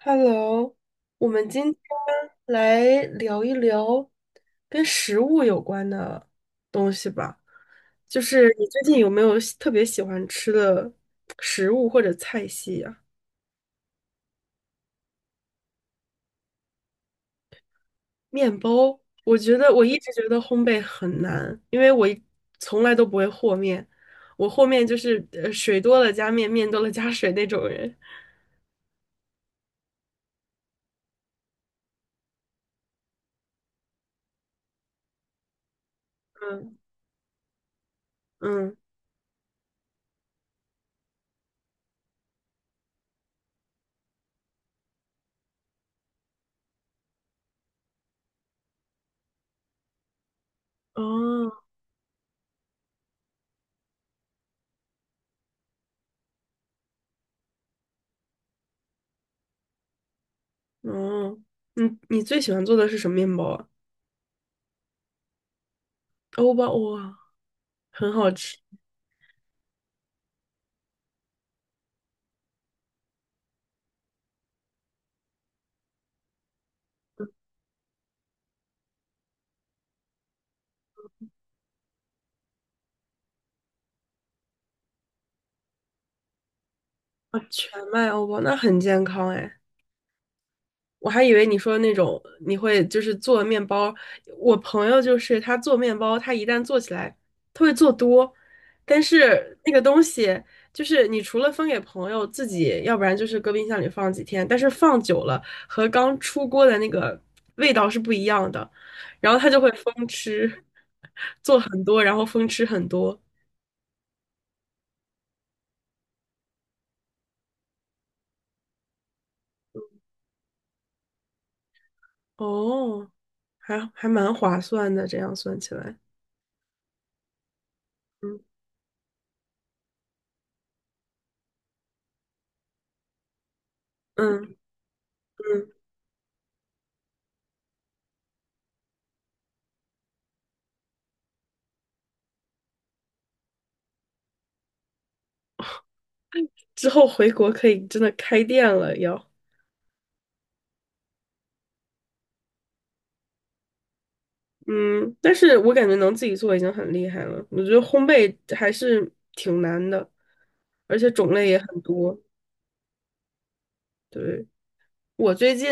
Hello，我们今天来聊一聊跟食物有关的东西吧。就是你最近有没有特别喜欢吃的食物或者菜系呀？面包，我觉得我一直觉得烘焙很难，因为从来都不会和面，我和面就是水多了加面，面多了加水那种人。嗯嗯，哦哦，你最喜欢做的是什么面包啊？欧包哇！很好吃啊，全麦欧包那很健康哎，我还以为你说那种你会就是做面包，我朋友就是他做面包，他一旦做起来，他会做多，但是那个东西就是你除了分给朋友自己，要不然就是搁冰箱里放几天，但是放久了和刚出锅的那个味道是不一样的，然后他就会疯吃，做很多，然后疯吃很多，哦，还蛮划算的，这样算起来。嗯。嗯嗯，之后回国可以真的开店了要。嗯，但是我感觉能自己做已经很厉害了。我觉得烘焙还是挺难的，而且种类也很多。对，我最近，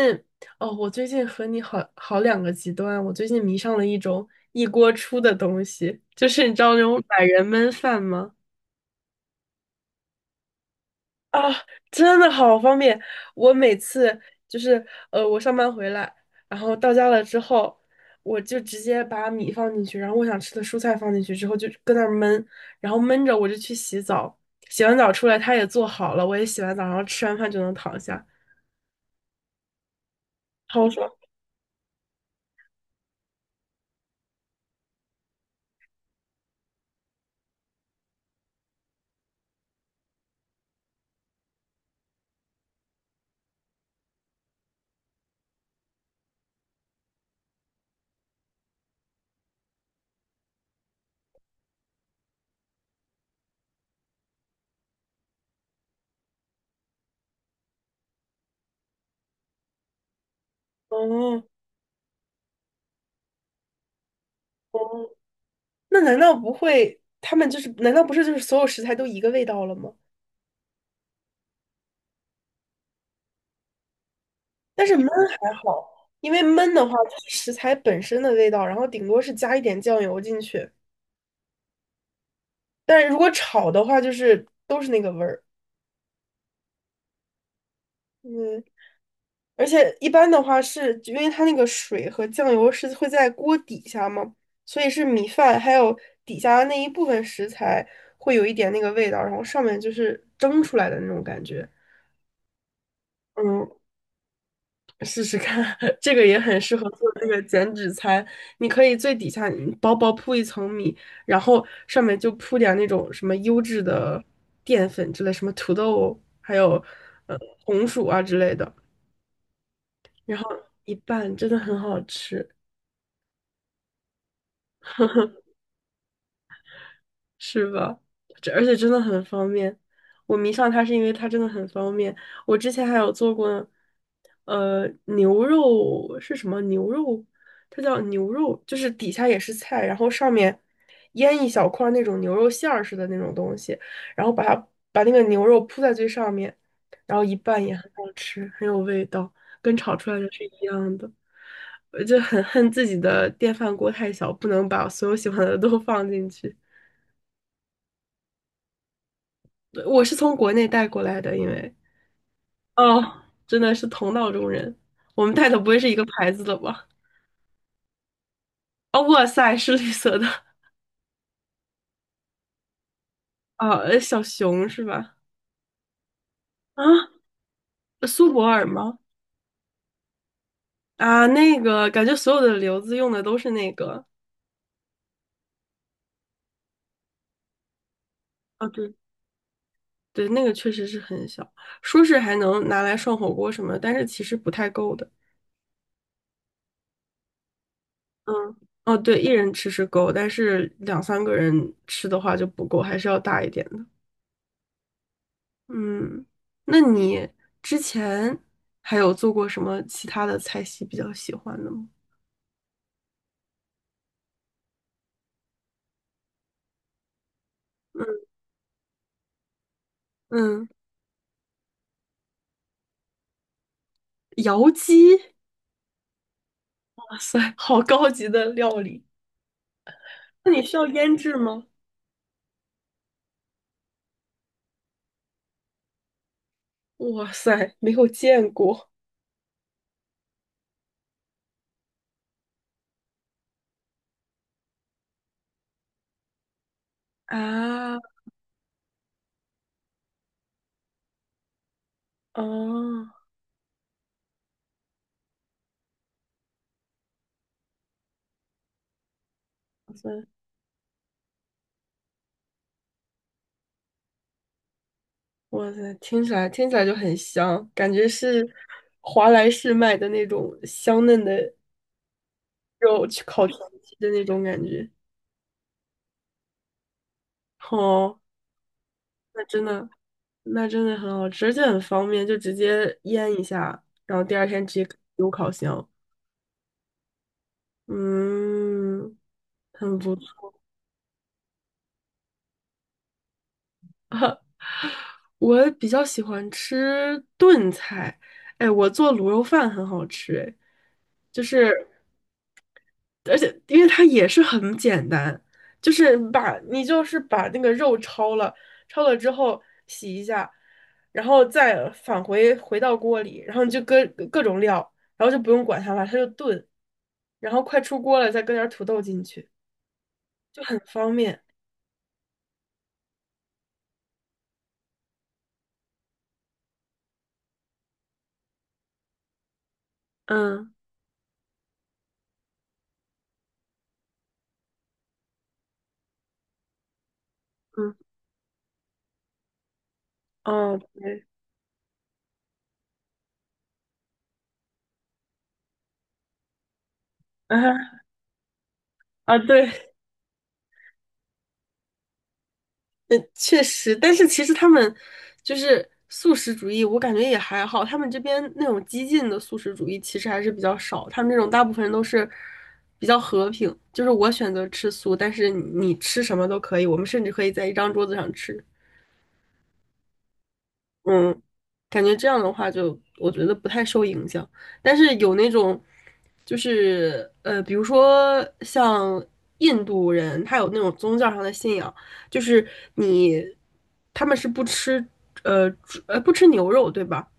哦，我最近和你好好两个极端。我最近迷上了一种一锅出的东西，就是你知道那种懒人焖饭吗？啊，真的好方便！我每次就是我上班回来，然后到家了之后，我就直接把米放进去，然后我想吃的蔬菜放进去之后，就搁那儿焖，然后焖着我就去洗澡，洗完澡出来它也做好了，我也洗完澡，然后吃完饭就能躺下，好爽！哦哦，那难道不会他们就是难道不是就是所有食材都一个味道了吗？但是焖还好，因为焖的话它是食材本身的味道，然后顶多是加一点酱油进去。但是如果炒的话，就是都是那个味儿。嗯，而且一般的话是因为它那个水和酱油是会在锅底下嘛，所以是米饭还有底下的那一部分食材会有一点那个味道，然后上面就是蒸出来的那种感觉。嗯，试试看，这个也很适合做那个减脂餐。你可以最底下薄薄铺一层米，然后上面就铺点那种什么优质的淀粉之类，什么土豆，还有呃红薯啊之类的，然后一拌，真的很好吃。是吧？这而且真的很方便。我迷上它是因为它真的很方便。我之前还有做过，牛肉是什么牛肉？它叫牛肉，就是底下也是菜，然后上面腌一小块儿那种牛肉馅儿似的那种东西，然后把它把那个牛肉铺在最上面，然后一拌也很好吃，很有味道，跟炒出来的是一样的。我就很恨自己的电饭锅太小，不能把所有喜欢的都放进去。我是从国内带过来的，哦，真的是同道中人。我们带的不会是一个牌子的吧？哦，哇塞，是绿色的啊，小熊是吧？啊，苏泊尔吗？啊，那个感觉所有的瘤子用的都是那个。啊，对对，那个确实是很小，说是还能拿来涮火锅什么的但是其实不太够的。嗯，哦，对，一人吃是够，但是两三个人吃的话就不够，还是要大一点。嗯，那你之前还有做过什么其他的菜系比较喜欢的吗？嗯嗯，窑鸡，哇塞，好高级的料理。那你需要腌制吗？哇塞，没有见过啊！哦，哇塞，哇塞，听起来就很香，感觉是华莱士卖的那种香嫩的肉去烤全鸡的那种感觉。哦，那真的，那真的很好吃，而且很方便，就直接腌一下，然后第二天直接丢烤箱。嗯，很不错。我比较喜欢吃炖菜，哎，我做卤肉饭很好吃，哎，就是而且因为它也是很简单，就是把那个肉焯了，焯了之后洗一下，然后再回到锅里，然后你就搁各种料，然后就不用管它了，它就炖，然后快出锅了再搁点土豆进去，就很方便。嗯嗯，哦对，啊啊对。嗯，确实，但是其实他们就是素食主义，我感觉也还好。他们这边那种激进的素食主义其实还是比较少，他们这种大部分人都是比较和平，就是我选择吃素，但是你吃什么都可以，我们甚至可以在一张桌子上吃。嗯，感觉这样的话就，我觉得不太受影响。但是有那种，就是比如说像印度人，他有那种宗教上的信仰，就是你他们是不吃牛肉，对吧？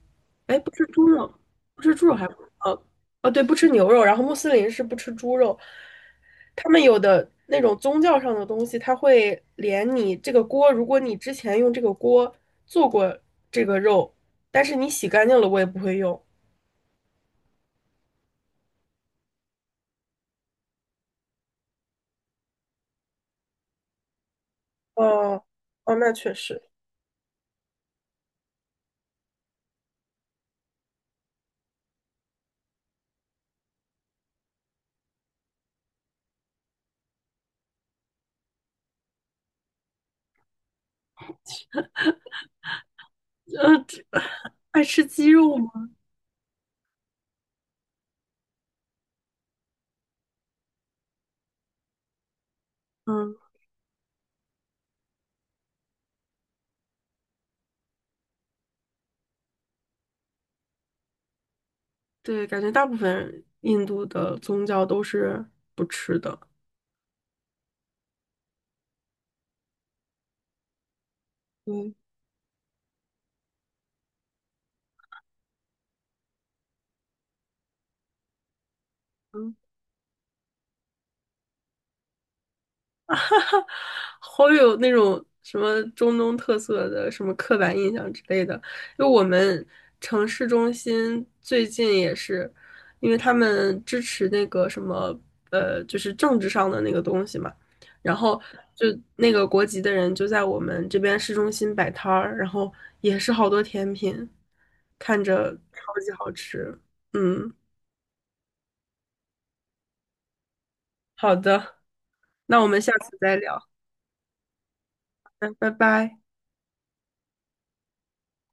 哎，不吃猪肉，不吃猪肉还不哦哦，对，不吃牛肉。然后穆斯林是不吃猪肉，他们有的那种宗教上的东西，他会连你这个锅，如果你之前用这个锅做过这个肉，但是你洗干净了，我也不会用。哦哦，那确实，呃，这爱吃鸡肉吗？嗯，对，感觉大部分印度的宗教都是不吃的。嗯。好有那种什么中东特色的什么刻板印象之类的。因为我们城市中心最近也是，因为他们支持那个什么就是政治上的那个东西嘛，然后就那个国籍的人就在我们这边市中心摆摊儿，然后也是好多甜品，看着超级好吃。嗯，好的，那我们下次再聊，嗯，拜拜。